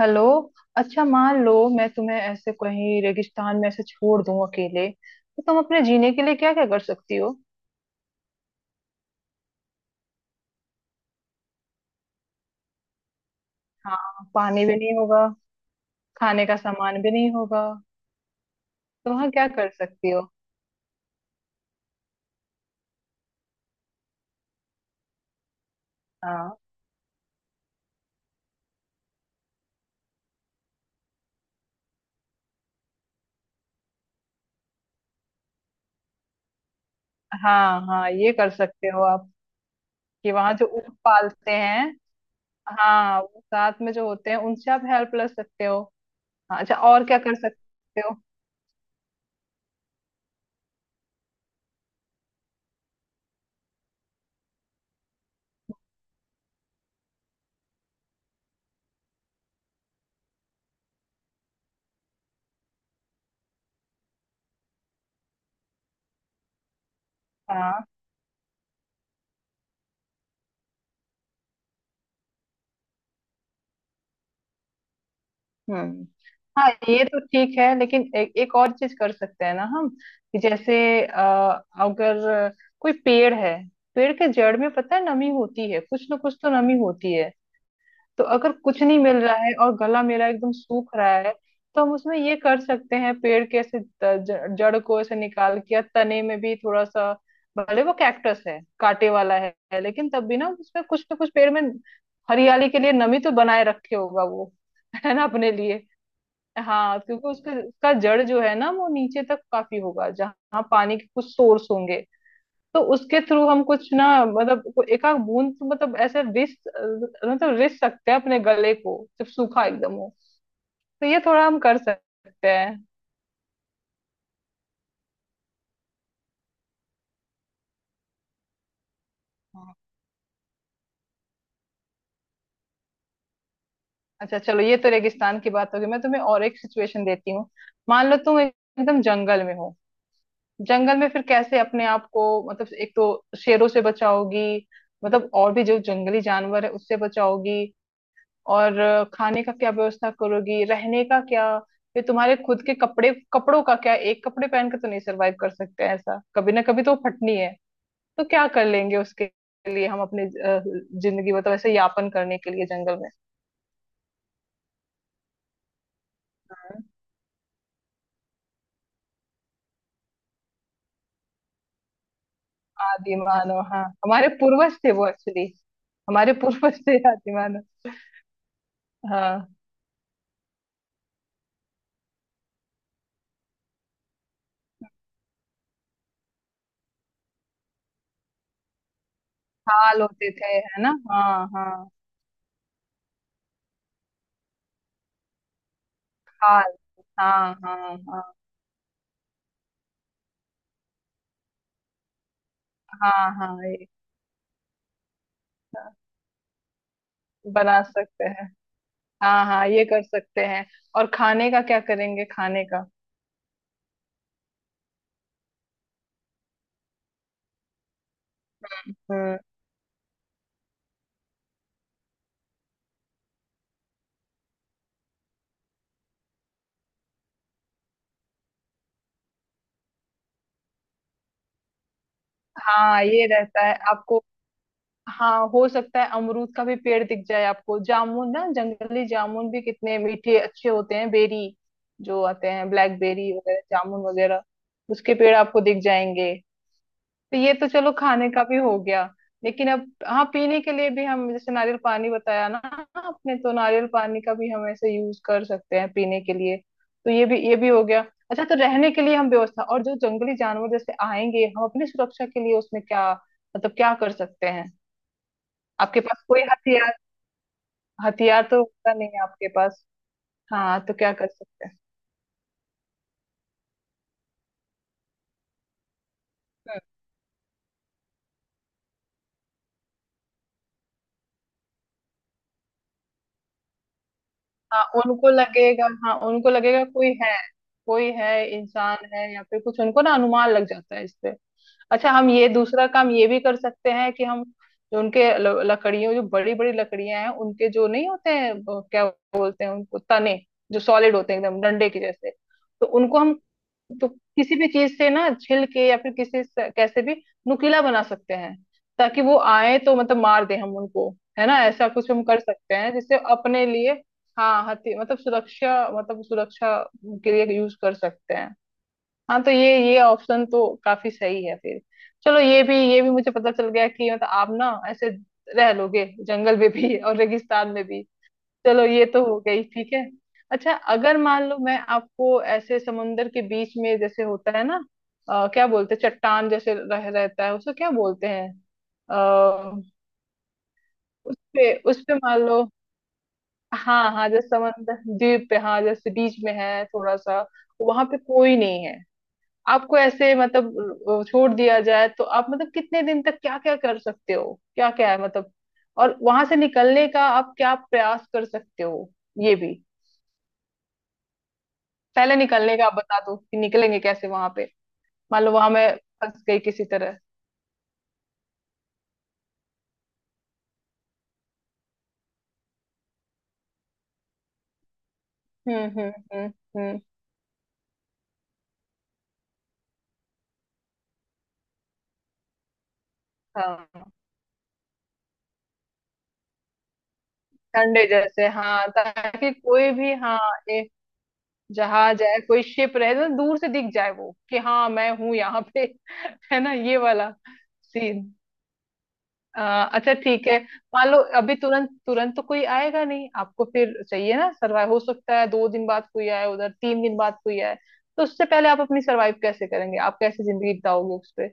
Hello. अच्छा मान लो मैं तुम्हें ऐसे कहीं रेगिस्तान में ऐसे छोड़ दूं अकेले, तो तुम अपने जीने के लिए क्या क्या कर सकती हो? हाँ, पानी भी नहीं होगा। खाने का सामान भी नहीं होगा। तो वहाँ क्या कर सकती हो? हाँ हाँ, हाँ ये कर सकते हो आप, कि वहाँ जो ऊंट पालते हैं। हाँ, वो साथ में जो होते हैं उनसे आप हेल्प ले सकते हो। हाँ अच्छा, और क्या कर सकते हो? हम्म। हाँ ये तो ठीक है, लेकिन एक और चीज कर सकते हैं ना हम। कि जैसे अ, अगर कोई पेड़ है, पेड़ के जड़ में पता है नमी होती है, कुछ ना कुछ तो नमी होती है। तो अगर कुछ नहीं मिल रहा है और गला मेरा एकदम सूख रहा है, तो हम उसमें ये कर सकते हैं, पेड़ के ऐसे जड़ को ऐसे निकाल के या तने में भी थोड़ा सा, भले वो कैक्टस है कांटे वाला है, लेकिन तब भी ना उसमें कुछ ना कुछ पेड़ में हरियाली के लिए नमी तो बनाए रखे होगा वो है ना अपने लिए। हाँ क्योंकि उसके उसका जड़ जो है ना वो नीचे तक काफी होगा, जहाँ पानी के कुछ सोर्स होंगे। तो उसके थ्रू हम कुछ ना, मतलब एक आध बूंद तो मतलब ऐसे रिस सकते हैं अपने गले को जब सूखा एकदम हो। तो ये थोड़ा हम कर सकते हैं। हाँ। अच्छा चलो, ये तो रेगिस्तान की बात होगी, मैं तुम्हें और एक सिचुएशन देती हूँ। मान लो तुम एकदम जंगल में हो, जंगल में फिर कैसे अपने आप को, मतलब एक तो शेरों से बचाओगी, मतलब और भी जो जंगली जानवर है उससे बचाओगी, और खाने का क्या व्यवस्था करोगी, रहने का क्या? फिर तुम्हारे खुद के कपड़े कपड़ों का क्या, एक कपड़े पहन के तो नहीं सरवाइव कर सकते हैं, ऐसा कभी ना कभी तो फटनी है। तो क्या कर लेंगे उसके लिए, हम अपने जिंदगी मतलब ऐसे यापन करने के लिए जंगल में। हाँ। आदि मानव, हाँ हमारे पूर्वज थे वो एक्चुअली, हमारे पूर्वज थे आदि मानव। हाँ, खाल होते थे है ना, हाँ हाँ। खाल, हाँ हाँ हाँ। हाँ हाँ ये, हाँ, बना सकते हैं। हाँ हाँ ये कर सकते हैं। और खाने का क्या करेंगे खाने का? हम्म। हाँ ये रहता है आपको। हाँ, हो सकता है अमरूद का भी पेड़ दिख जाए आपको, जामुन ना जंगली जामुन भी कितने मीठे अच्छे होते हैं, बेरी जो आते हैं ब्लैकबेरी वगैरह, जामुन वगैरह, उसके पेड़ आपको दिख जाएंगे। तो ये तो चलो खाने का भी हो गया। लेकिन अब हाँ, पीने के लिए भी हम, जैसे नारियल पानी बताया ना आपने, तो नारियल पानी का भी हम ऐसे यूज कर सकते हैं पीने के लिए। तो ये भी, ये भी हो गया। अच्छा तो रहने के लिए हम व्यवस्था, और जो जंगली जानवर जैसे आएंगे हम अपनी सुरक्षा के लिए उसमें क्या, मतलब क्या कर सकते हैं? आपके पास कोई हथियार, हथियार तो होता नहीं है आपके पास। हाँ तो क्या कर सकते हैं? हम्म। हाँ उनको लगेगा, हाँ उनको लगेगा कोई है, कोई है इंसान है या फिर कुछ, उनको ना अनुमान लग जाता है इससे। अच्छा हम ये दूसरा काम ये भी कर सकते हैं कि हम जो उनके लकड़ियों, जो बड़ी बड़ी लकड़ियां हैं उनके जो नहीं होते हैं वो क्या बोलते हैं उनको, तने जो सॉलिड होते हैं एकदम डंडे के जैसे, तो उनको हम, तो किसी भी चीज से ना छिल के या फिर किसी से कैसे भी नुकीला बना सकते हैं, ताकि वो आए तो मतलब मार दे हम उनको। है ना, ऐसा कुछ हम कर सकते हैं जिससे अपने लिए। हाँ हथि मतलब सुरक्षा, मतलब सुरक्षा के लिए यूज कर सकते हैं। हाँ तो ये ऑप्शन तो काफी सही है फिर। चलो ये भी, ये भी मुझे पता चल गया कि मतलब आप ना ऐसे रह लोगे जंगल में भी और रेगिस्तान में भी। चलो ये तो हो गई, ठीक है। अच्छा अगर मान लो मैं आपको ऐसे समुंदर के बीच में, जैसे होता है ना क्या बोलते हैं, चट्टान जैसे रह रहता है उसको क्या बोलते हैं? आ, उस पे, उस पे मान लो, हाँ हाँ जैसे समंदर द्वीप पे, हाँ जैसे बीच में है थोड़ा सा, वहां पे कोई नहीं है, आपको ऐसे मतलब छोड़ दिया जाए, तो आप मतलब कितने दिन तक क्या क्या कर सकते हो, क्या क्या है मतलब, और वहां से निकलने का आप क्या प्रयास कर सकते हो, ये भी। पहले निकलने का आप बता दो कि निकलेंगे कैसे वहां पे, मान लो वहां मैं फंस गई किसी तरह। हम्म। हम्म हम्म। हाँ ठंडे जैसे, हाँ ताकि कोई भी, हाँ ये जहाज है, कोई शिप रहे तो दूर से दिख जाए वो कि हाँ मैं हूँ यहाँ पे। है ना ये वाला सीन। अ, अच्छा ठीक है। मान लो अभी तुरंत तुरंत तो कोई आएगा नहीं आपको, फिर चाहिए ना सर्वाइव, हो सकता है दो दिन बाद कोई आए उधर, तीन दिन बाद कोई आए। तो उससे पहले आप अपनी सर्वाइव कैसे करेंगे, आप कैसे जिंदगी बिताओगे उस पे,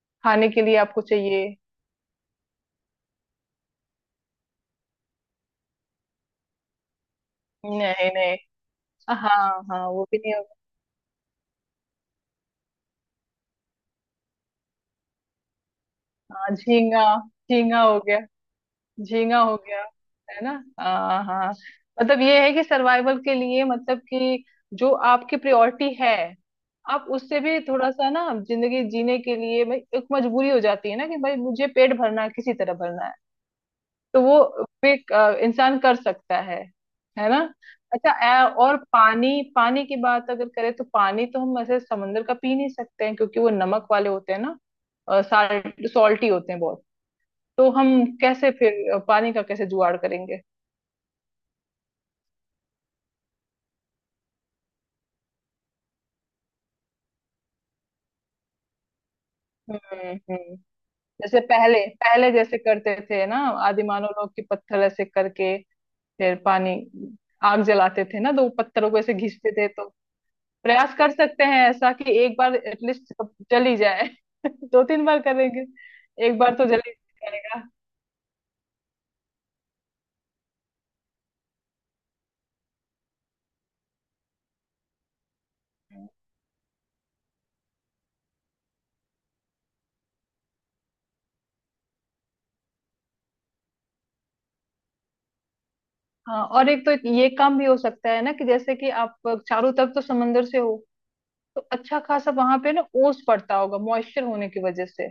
खाने के लिए आपको चाहिए। नहीं नहीं, हाँ हाँ वो भी नहीं होगा। हाँ, झींगा। झींगा हो गया, झींगा हो गया, है ना। हाँ हाँ। मतलब ये है कि सर्वाइवल के लिए, मतलब कि जो आपकी प्रायोरिटी है, आप उससे भी थोड़ा सा ना जिंदगी जीने के लिए, भाई एक मजबूरी हो जाती है ना कि भाई मुझे पेट भरना है किसी तरह भरना है। तो वो भी इंसान कर सकता है ना। अच्छा और पानी, पानी की बात अगर करें तो, पानी तो हम ऐसे समंदर का पी नहीं सकते हैं क्योंकि वो नमक वाले होते हैं ना, सॉल्टी होते हैं बहुत। तो हम कैसे फिर, पानी का कैसे जुगाड़ करेंगे? हम्म। जैसे पहले, पहले जैसे करते थे ना आदिमानव लोग, की पत्थर ऐसे करके फिर पानी, आग जलाते थे ना, तो वो पत्थरों को ऐसे घिसते थे। तो प्रयास कर सकते हैं ऐसा कि एक बार एटलीस्ट जल ही जाए। दो तीन बार करेंगे, एक बार तो जल ही जाएगा। हाँ और एक तो ये काम भी हो सकता है ना कि जैसे कि आप चारों तरफ तो समंदर से हो, तो अच्छा खासा वहां पे ना ओस पड़ता होगा, मॉइस्चर होने की वजह से,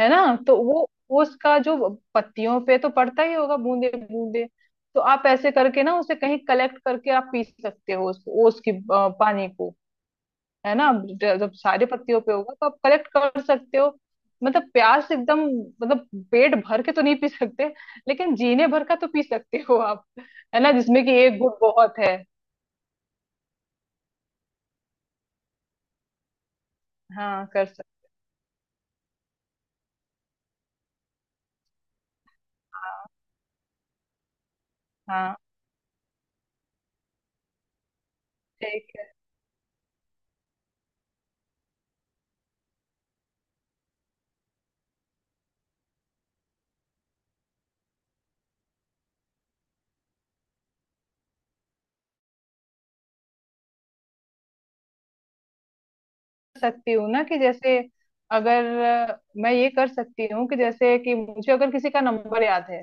है ना। तो वो उसका जो पत्तियों पे तो पड़ता ही होगा बूंदे बूंदे, तो आप ऐसे करके ना उसे कहीं कलेक्ट करके आप पी सकते हो उस, वो उसकी पानी को। है ना, जब सारे पत्तियों पे होगा तो आप कलेक्ट कर सकते हो। मतलब प्यास एकदम, मतलब पेट भर के तो नहीं पी सकते, लेकिन जीने भर का तो पी सकते हो आप। है ना, जिसमें कि एक घूंट बहुत है। हाँ कर सकते। हाँ ठीक। सकती हूँ ना कि जैसे अगर मैं ये कर सकती हूँ कि जैसे कि मुझे अगर किसी का नंबर याद है,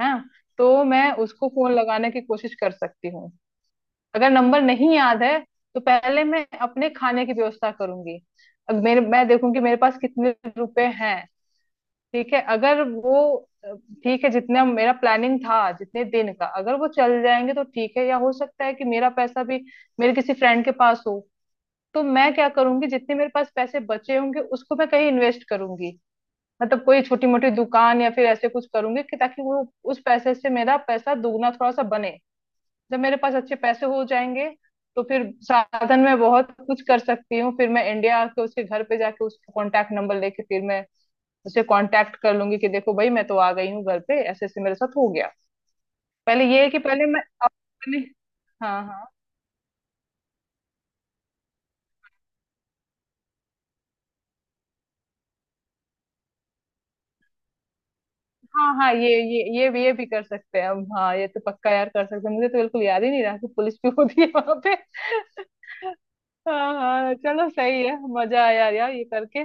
हाँ, तो मैं उसको फोन लगाने की कोशिश कर सकती हूँ। अगर नंबर नहीं याद है, तो पहले मैं अपने खाने की व्यवस्था करूंगी। अब मेरे, मैं देखूंगी मेरे पास कितने रुपए हैं, ठीक है। अगर वो अ, ठीक है जितना मेरा प्लानिंग था जितने दिन का, अगर वो चल जाएंगे तो ठीक है, या हो सकता है कि मेरा पैसा भी मेरे किसी फ्रेंड के पास हो। तो मैं क्या करूंगी, जितने मेरे पास पैसे बचे होंगे उसको मैं कहीं इन्वेस्ट करूंगी, मतलब कोई छोटी मोटी दुकान या फिर ऐसे कुछ करूंगी कि ताकि वो, उस पैसे से मेरा पैसा दुगना थोड़ा सा बने। जब मेरे पास अच्छे पैसे हो जाएंगे, तो फिर साधन में बहुत कुछ कर सकती हूँ, फिर मैं इंडिया आके उसके घर पे जाके उसका कॉन्टैक्ट नंबर लेके फिर मैं उसे कॉन्टैक्ट कर लूंगी कि देखो भाई मैं तो आ गई हूँ घर पे, ऐसे ऐसे मेरे साथ हो गया। पहले ये है कि पहले मैं, पहले, हाँ हाँ, हाँ हाँ ये, ये भी, ये भी कर सकते हैं हम। हाँ ये तो पक्का यार कर सकते हैं, मुझे तो बिल्कुल याद ही नहीं रहा कि पुलिस भी होती है वहां पे। हाँ हाँ चलो सही है, मजा आया यार ये करके।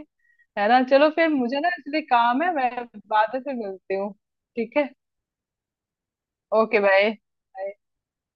है ना, चलो फिर मुझे ना इसलिए काम है, मैं बाद में फिर मिलती हूँ, ठीक है। Okay bye.